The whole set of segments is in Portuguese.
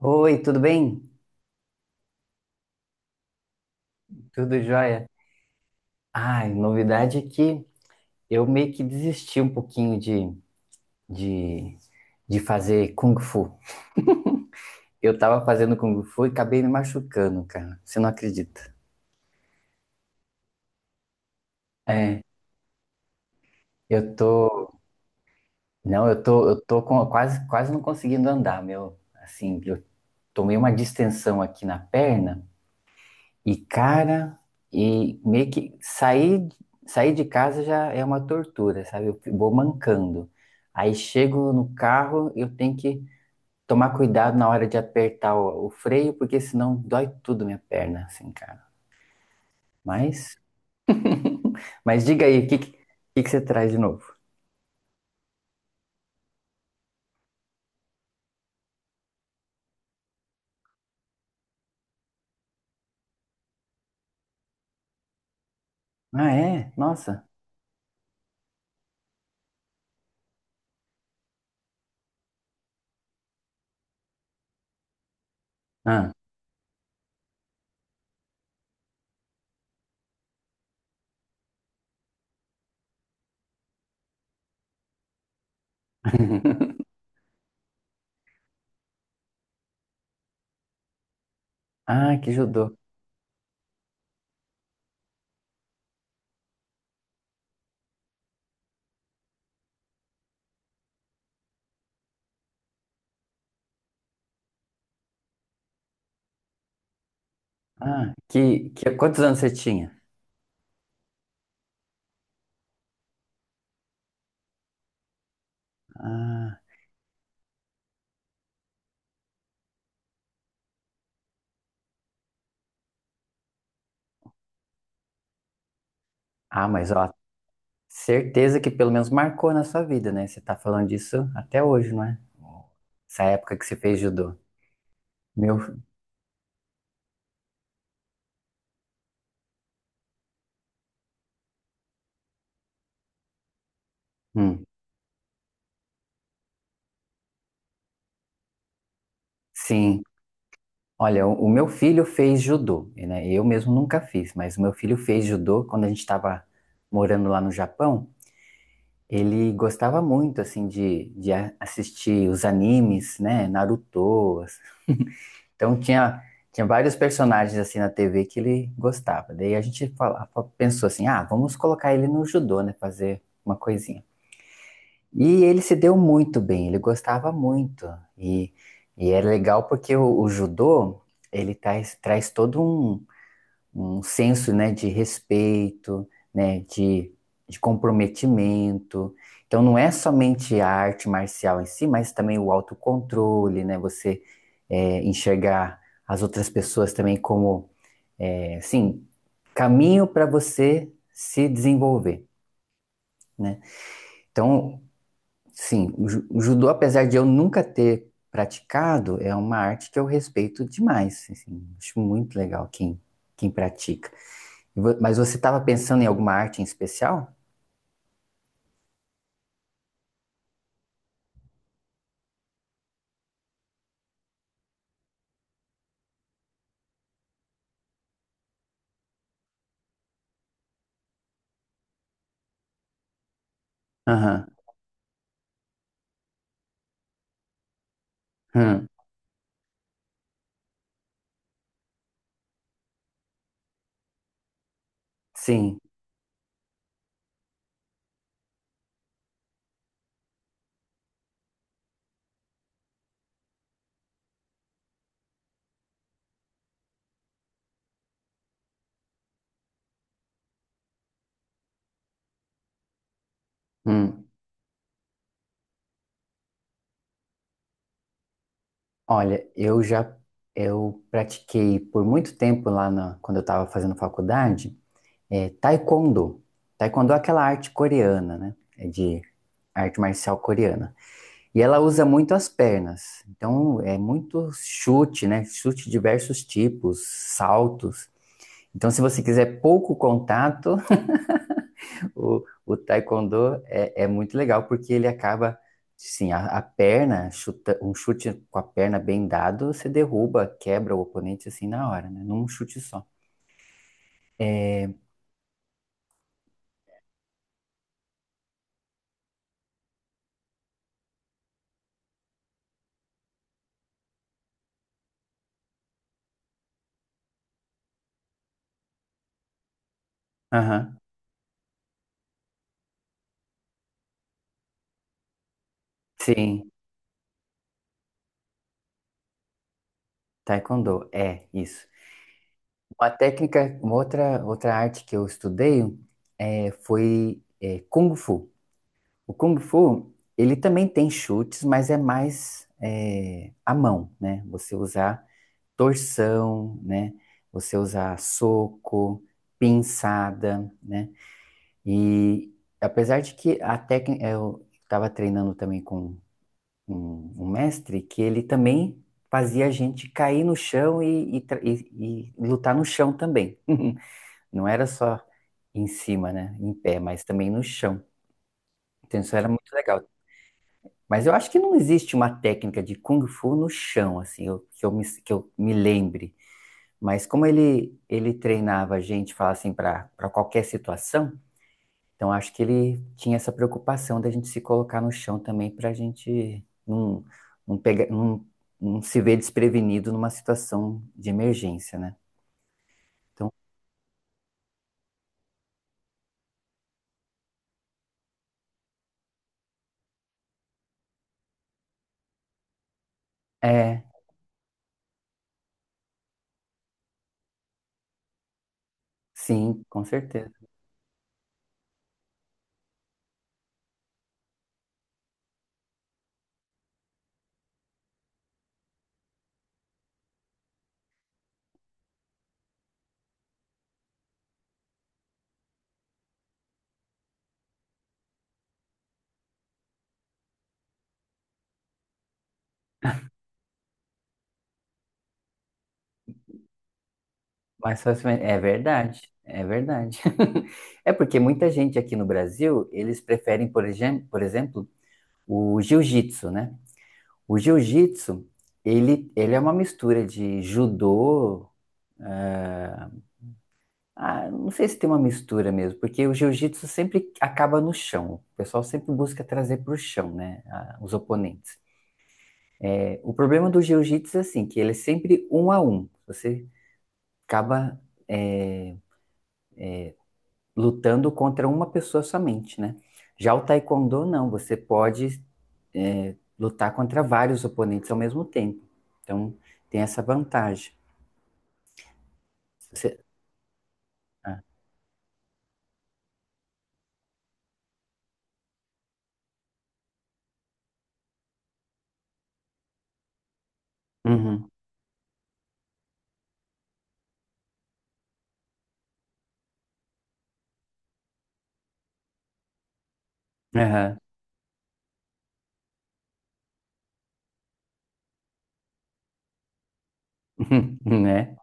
Oi, tudo bem? Tudo jóia? Ai, novidade é que eu meio que desisti um pouquinho de, de fazer Kung Fu. Eu tava fazendo Kung Fu e acabei me machucando, cara. Você não acredita? É, eu tô. Não, eu tô com, quase não conseguindo andar, meu. Assim, eu tomei uma distensão aqui na perna. E cara, e meio que sair, sair de casa já é uma tortura, sabe? Eu vou mancando. Aí chego no carro, eu tenho que tomar cuidado na hora de apertar o freio, porque senão dói tudo minha perna, assim, cara. Mas, mas diga aí, o que que você traz de novo? Ah, é? Nossa. Ah, ah, que judô. Quantos anos você tinha? Ah, ah, mas ó, certeza que pelo menos marcou na sua vida, né? Você tá falando disso até hoje, não é? Essa época que você fez judô. Meu, hum, sim. Olha, o meu filho fez judô, né? Eu mesmo nunca fiz, mas o meu filho fez judô quando a gente estava morando lá no Japão. Ele gostava muito, assim, de, assistir os animes, né? Naruto. Então tinha vários personagens assim na TV que ele gostava. Daí a gente fala- Pensou assim, ah, vamos colocar ele no judô, né? Fazer uma coisinha. E ele se deu muito bem, ele gostava muito. E, e é legal porque o judô, ele traz toda um senso, né, de respeito, né, de comprometimento. Então não é somente a arte marcial em si, mas também o autocontrole, né, você enxergar as outras pessoas também como, é, assim, caminho para você se desenvolver, né? Então, sim, o judô, apesar de eu nunca ter praticado, é uma arte que eu respeito demais, assim, acho muito legal quem pratica. Mas você estava pensando em alguma arte em especial? Aham. Hum. Sim. Hum. Olha, eu pratiquei por muito tempo lá na, quando eu estava fazendo faculdade, é, taekwondo. Taekwondo é aquela arte coreana, né? É de arte marcial coreana. E ela usa muito as pernas. Então é muito chute, né? Chute de diversos tipos, saltos. Então, se você quiser pouco contato, o taekwondo é, é muito legal porque ele acaba, assim, a perna, chuta, um chute com a perna bem dado, você derruba, quebra o oponente assim na hora, né? Num chute só. Aham. Sim, taekwondo, é isso. Uma técnica, uma outra arte que eu estudei é, foi é, Kung Fu. O Kung Fu, ele também tem chutes, mas é mais é, à mão, né? Você usar torção, né? Você usar soco, pinçada, né? E apesar de que a técnica, eu estava treinando também com um mestre que ele também fazia a gente cair no chão e lutar no chão também. Não era só em cima, né? Em pé, mas também no chão. Então isso era muito legal. Mas eu acho que não existe uma técnica de Kung Fu no chão, assim, que eu me lembre. Mas como ele treinava a gente, fala assim, para qualquer situação, então acho que ele tinha essa preocupação da gente se colocar no chão também para a gente não, não, pegar, não, não se ver desprevenido numa situação de emergência, né? É, sim, com certeza. É verdade, é verdade. É porque muita gente aqui no Brasil, eles preferem, por exemplo, o jiu-jitsu, né? O jiu-jitsu, ele é uma mistura de judô. eh, ah, não sei se tem uma mistura mesmo, porque o jiu-jitsu sempre acaba no chão. O pessoal sempre busca trazer para o chão, né? Os oponentes. O problema do jiu-jitsu é assim, que ele é sempre um a um. Você acaba, eh, lutando contra uma pessoa somente, né? Já o taekwondo, não. Você pode, lutar contra vários oponentes ao mesmo tempo. Então, tem essa vantagem. Você- Ah, uhum. Aham. Né?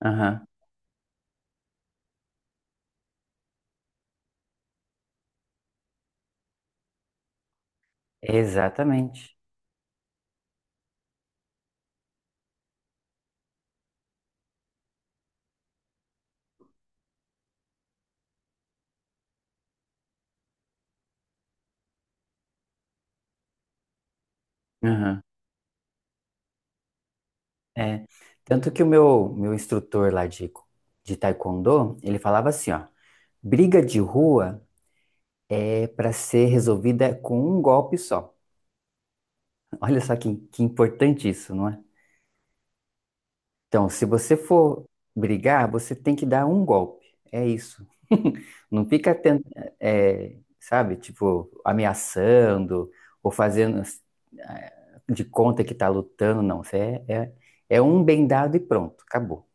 Aham. Exatamente. Aham. É. Tanto que meu instrutor lá de taekwondo, ele falava assim, ó, briga de rua é para ser resolvida com um golpe só. Olha só que importante isso, não é? Então, se você for brigar, você tem que dar um golpe. É isso. Não fica tent... É, sabe, tipo, ameaçando ou fazendo de conta que tá lutando, não. Você é, é, é um bem dado e pronto, acabou.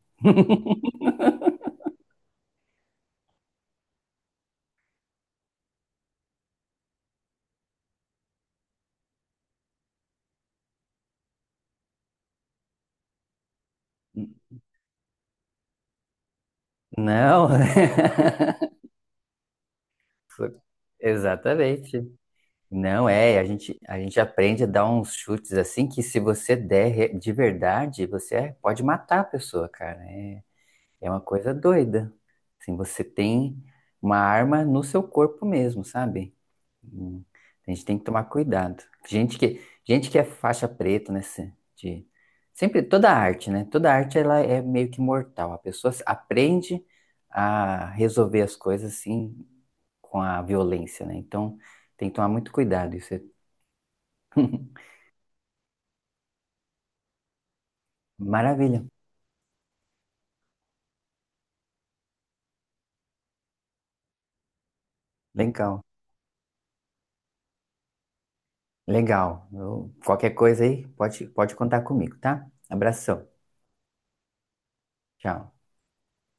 N- Não, exatamente. Não é, a gente aprende a dar uns chutes assim que se você der de verdade, você é, pode matar a pessoa, cara. É é uma coisa doida. Assim, você tem uma arma no seu corpo mesmo, sabe? Hum, A gente tem que tomar cuidado. Gente que é faixa preta, né? De, sempre, toda arte, né? Toda arte, ela é meio que mortal. A pessoa se- aprende a resolver as coisas, assim, com a violência, né? Então, tem que tomar muito cuidado. Isso é... Maravilha. Legal. Legal. Qualquer coisa aí, pode contar comigo, tá? Abração. Tchau.